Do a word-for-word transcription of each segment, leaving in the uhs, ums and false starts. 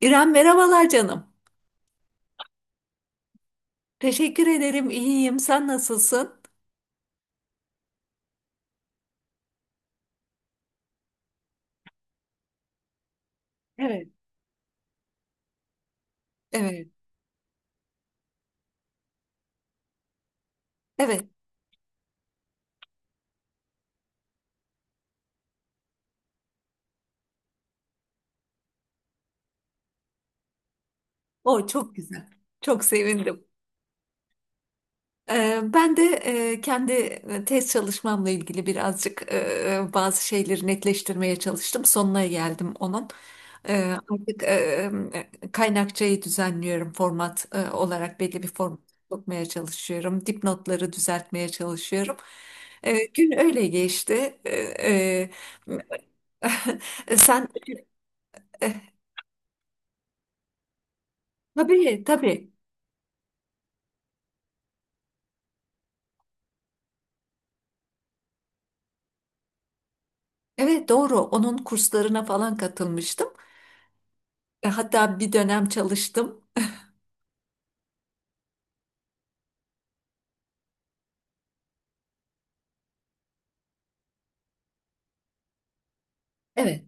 İrem merhabalar canım. Teşekkür ederim. İyiyim. Sen nasılsın? Evet, evet. Evet. O çok güzel. Çok sevindim. Ee, ben de e, kendi e, tez çalışmamla ilgili birazcık e, e, bazı şeyleri netleştirmeye çalıştım. Sonuna geldim onun. Ee, artık e, e, kaynakçayı düzenliyorum. Format e, olarak belli bir format sokmaya çalışıyorum. Dipnotları düzeltmeye çalışıyorum. Ee, gün öyle geçti. Ee, e, Sen e, tabii tabii. Evet doğru. Onun kurslarına falan katılmıştım. E, hatta bir dönem çalıştım. Evet,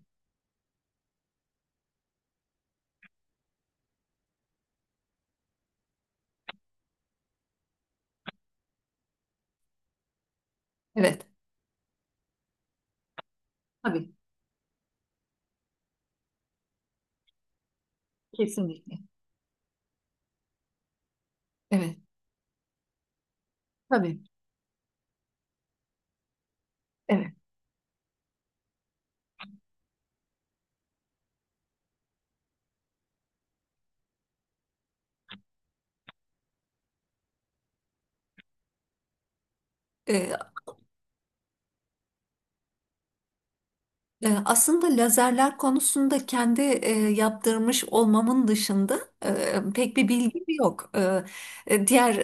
evet. Tabii, kesinlikle. Evet, tabii. Evet. E, E, Aslında lazerler konusunda kendi e, yaptırmış olmamın dışında e, pek bir bilgim yok. E, e, diğer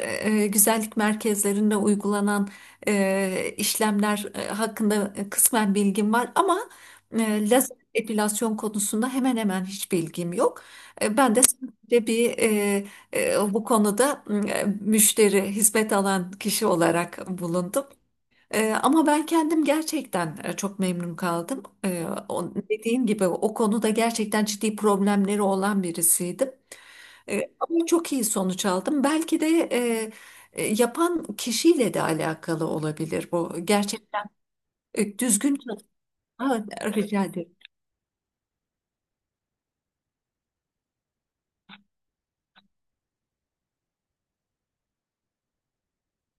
e, güzellik merkezlerinde uygulanan e, işlemler e, hakkında e, kısmen bilgim var ama e, lazer epilasyon konusunda hemen hemen hiç bilgim yok. E, ben de sadece bir e, e, bu konuda e, müşteri, hizmet alan kişi olarak bulundum. Ee, ama ben kendim gerçekten e, çok memnun kaldım. Ee, o- dediğim gibi o konuda gerçekten ciddi problemleri olan birisiydim. Ee, ama çok iyi sonuç aldım. Belki de e, e, yapan kişiyle de alakalı olabilir bu. Gerçekten e, düzgün çalışma. Rica ederim.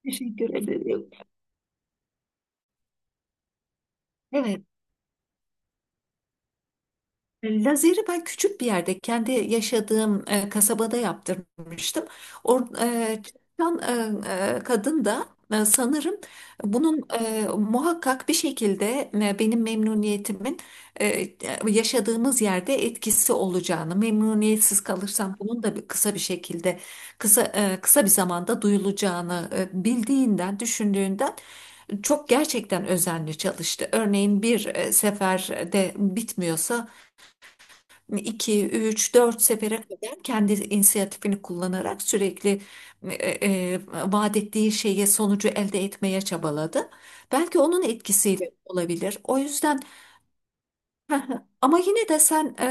Teşekkür ederim. Evet. Lazeri ben küçük bir yerde kendi yaşadığım e, kasabada yaptırmıştım. Or, e, Çalışan e, e, kadın da e, sanırım bunun e, muhakkak bir şekilde e, benim memnuniyetimin e, e, yaşadığımız yerde etkisi olacağını, memnuniyetsiz kalırsam bunun da bir- kısa bir şekilde kısa e, kısa bir zamanda duyulacağını e, bildiğinden, düşündüğünden çok gerçekten özenli çalıştı. Örneğin bir e, seferde bitmiyorsa iki üç dört sefere kadar kendi inisiyatifini kullanarak sürekli e, e, e, vaat ettiği şeye sonucu elde etmeye çabaladı. Belki onun etkisiyle olabilir. O yüzden. Heh, Ama yine de sen e,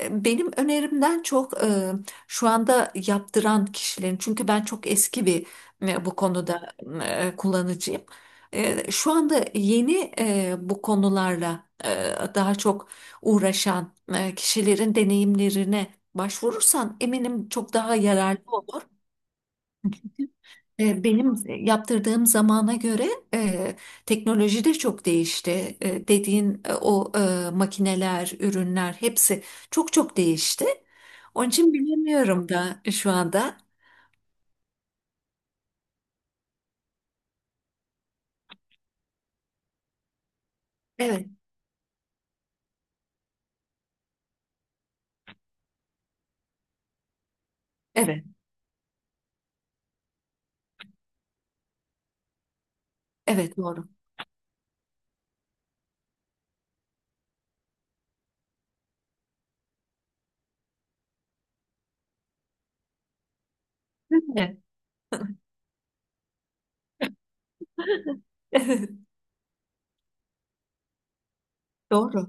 e, benim önerimden çok e, şu anda yaptıran kişilerin, çünkü ben çok eski bir e, bu konuda e, kullanıcıyım. E, şu anda yeni e, bu konularla e, daha çok uğraşan e, kişilerin deneyimlerine başvurursan eminim çok daha yararlı olur. E, Benim yaptırdığım zamana göre e, teknoloji de çok değişti. E, dediğin e, o e, makineler, ürünler hepsi çok çok değişti. Onun için bilemiyorum da şu anda. Evet, evet, evet, doğru. Değil mi? Evet, doğru.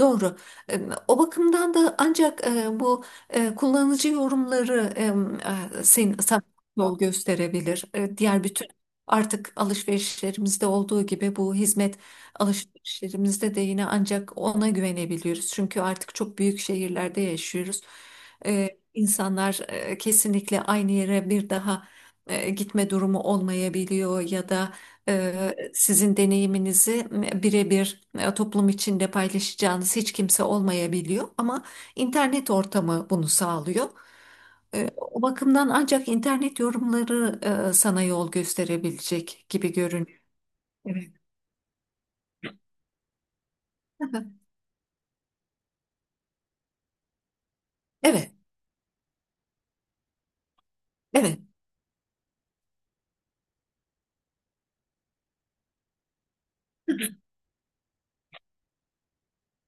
Doğru. Em, O bakımdan da ancak e, bu e, kullanıcı yorumları em, e, sen, sana yol gösterebilir. E, Diğer bütün artık alışverişlerimizde olduğu gibi bu hizmet alışverişlerimizde de yine ancak ona güvenebiliyoruz. Çünkü artık çok büyük şehirlerde yaşıyoruz. E, İnsanlar e, kesinlikle aynı yere bir daha e, gitme durumu olmayabiliyor ya da Eee, sizin deneyiminizi birebir e, toplum içinde paylaşacağınız hiç kimse olmayabiliyor ama internet ortamı bunu sağlıyor. Eee, O bakımdan ancak internet yorumları e, sana yol gösterebilecek gibi görünüyor. Evet. Evet. Evet.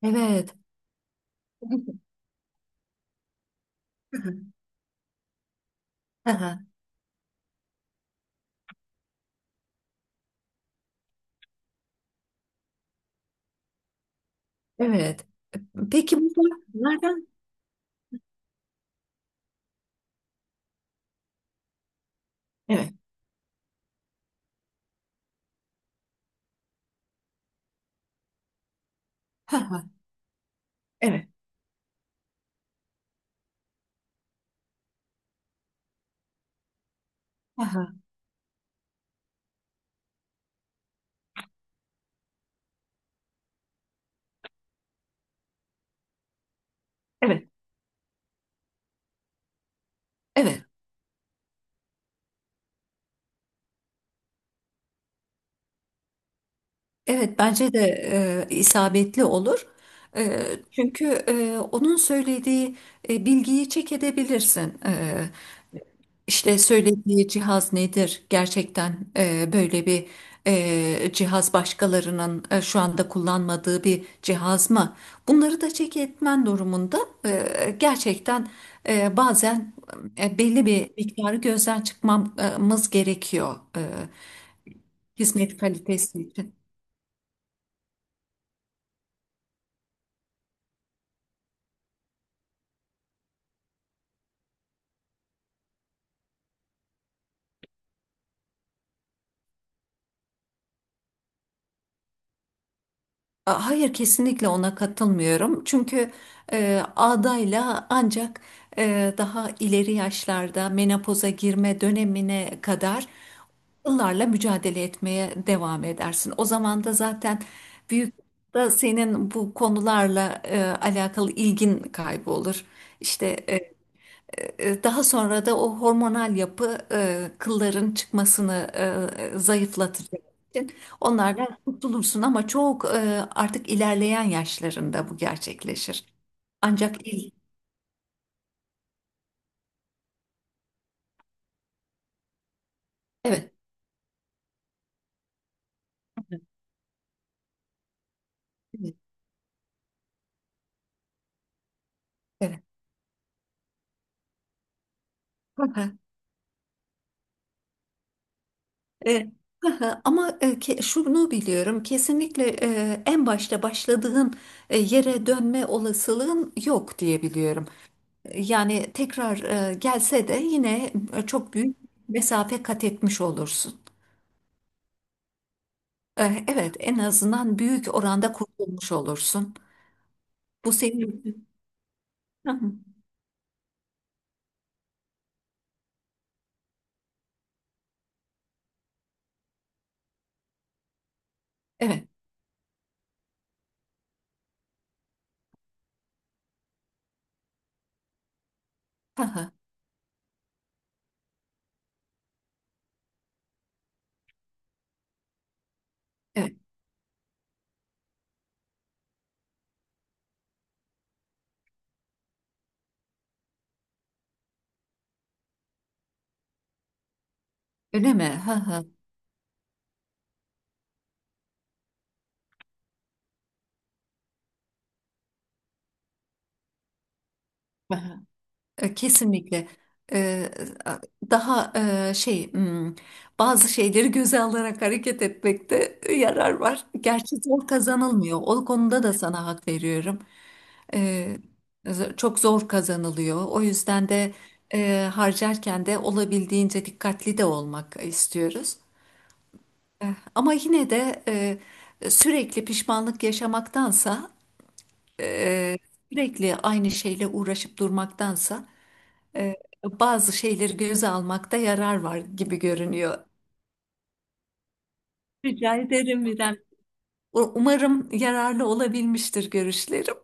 Evet. Aha, Evet. Peki bunlar nereden? Evet. Aha, Evet. Aha, Evet. Evet. Evet bence de e, isabetli olur. E, Çünkü e, onun söylediği e, bilgiyi çek edebilirsin. E, işte söylediği cihaz nedir? Gerçekten e, böyle bir e, cihaz başkalarının e, şu anda kullanmadığı bir cihaz mı? Bunları da çek etmen durumunda e, gerçekten e, bazen e, belli bir miktarı gözden çıkmamız gerekiyor e, hizmet kalitesi için. A- Hayır, kesinlikle ona katılmıyorum. Çünkü e, adayla ancak e, daha ileri yaşlarda menopoza girme dönemine kadar yıllarla mücadele etmeye devam edersin. O zaman da zaten büyük da senin bu konularla e, alakalı ilgin kaybolur. İşte e, e, Daha sonra da o hormonal yapı e, kılların çıkmasını e, zayıflatacak için onlardan kurtulursun ama çok e, artık ilerleyen yaşlarında bu gerçekleşir. Ancak il Evet, evet, evet. E, Ama e, ke- şunu biliyorum, kesinlikle e, en başta başladığın e, yere dönme olasılığın yok diye biliyorum. E, Yani tekrar e, gelse de yine e, çok büyük mesafe kat etmiş olursun. Eh, Evet, en azından büyük oranda kurtulmuş olursun. Bu senin... Hı hı. Evet, hı hı. Evet, öyle mi? Hı hı. Hı hı. Eh, Kesinlikle. Eh, Daha eh, şey, hmm, bazı şeyleri göze alarak hareket etmekte e, yarar var. Gerçi zor kazanılmıyor. O konuda da sana hak veriyorum. Eh, z- Çok zor kazanılıyor. O yüzden de eh, harcarken de olabildiğince dikkatli de olmak istiyoruz. Ama yine de e, sürekli pişmanlık yaşamaktansa, e, sürekli aynı şeyle uğraşıp durmaktansa e, bazı şeyleri göze almakta yarar var gibi görünüyor. Rica ederim, İrem. U- Umarım yararlı olabilmiştir görüşlerim.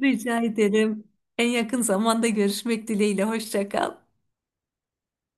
Rica ederim. En yakın zamanda görüşmek dileğiyle. Hoşça kal.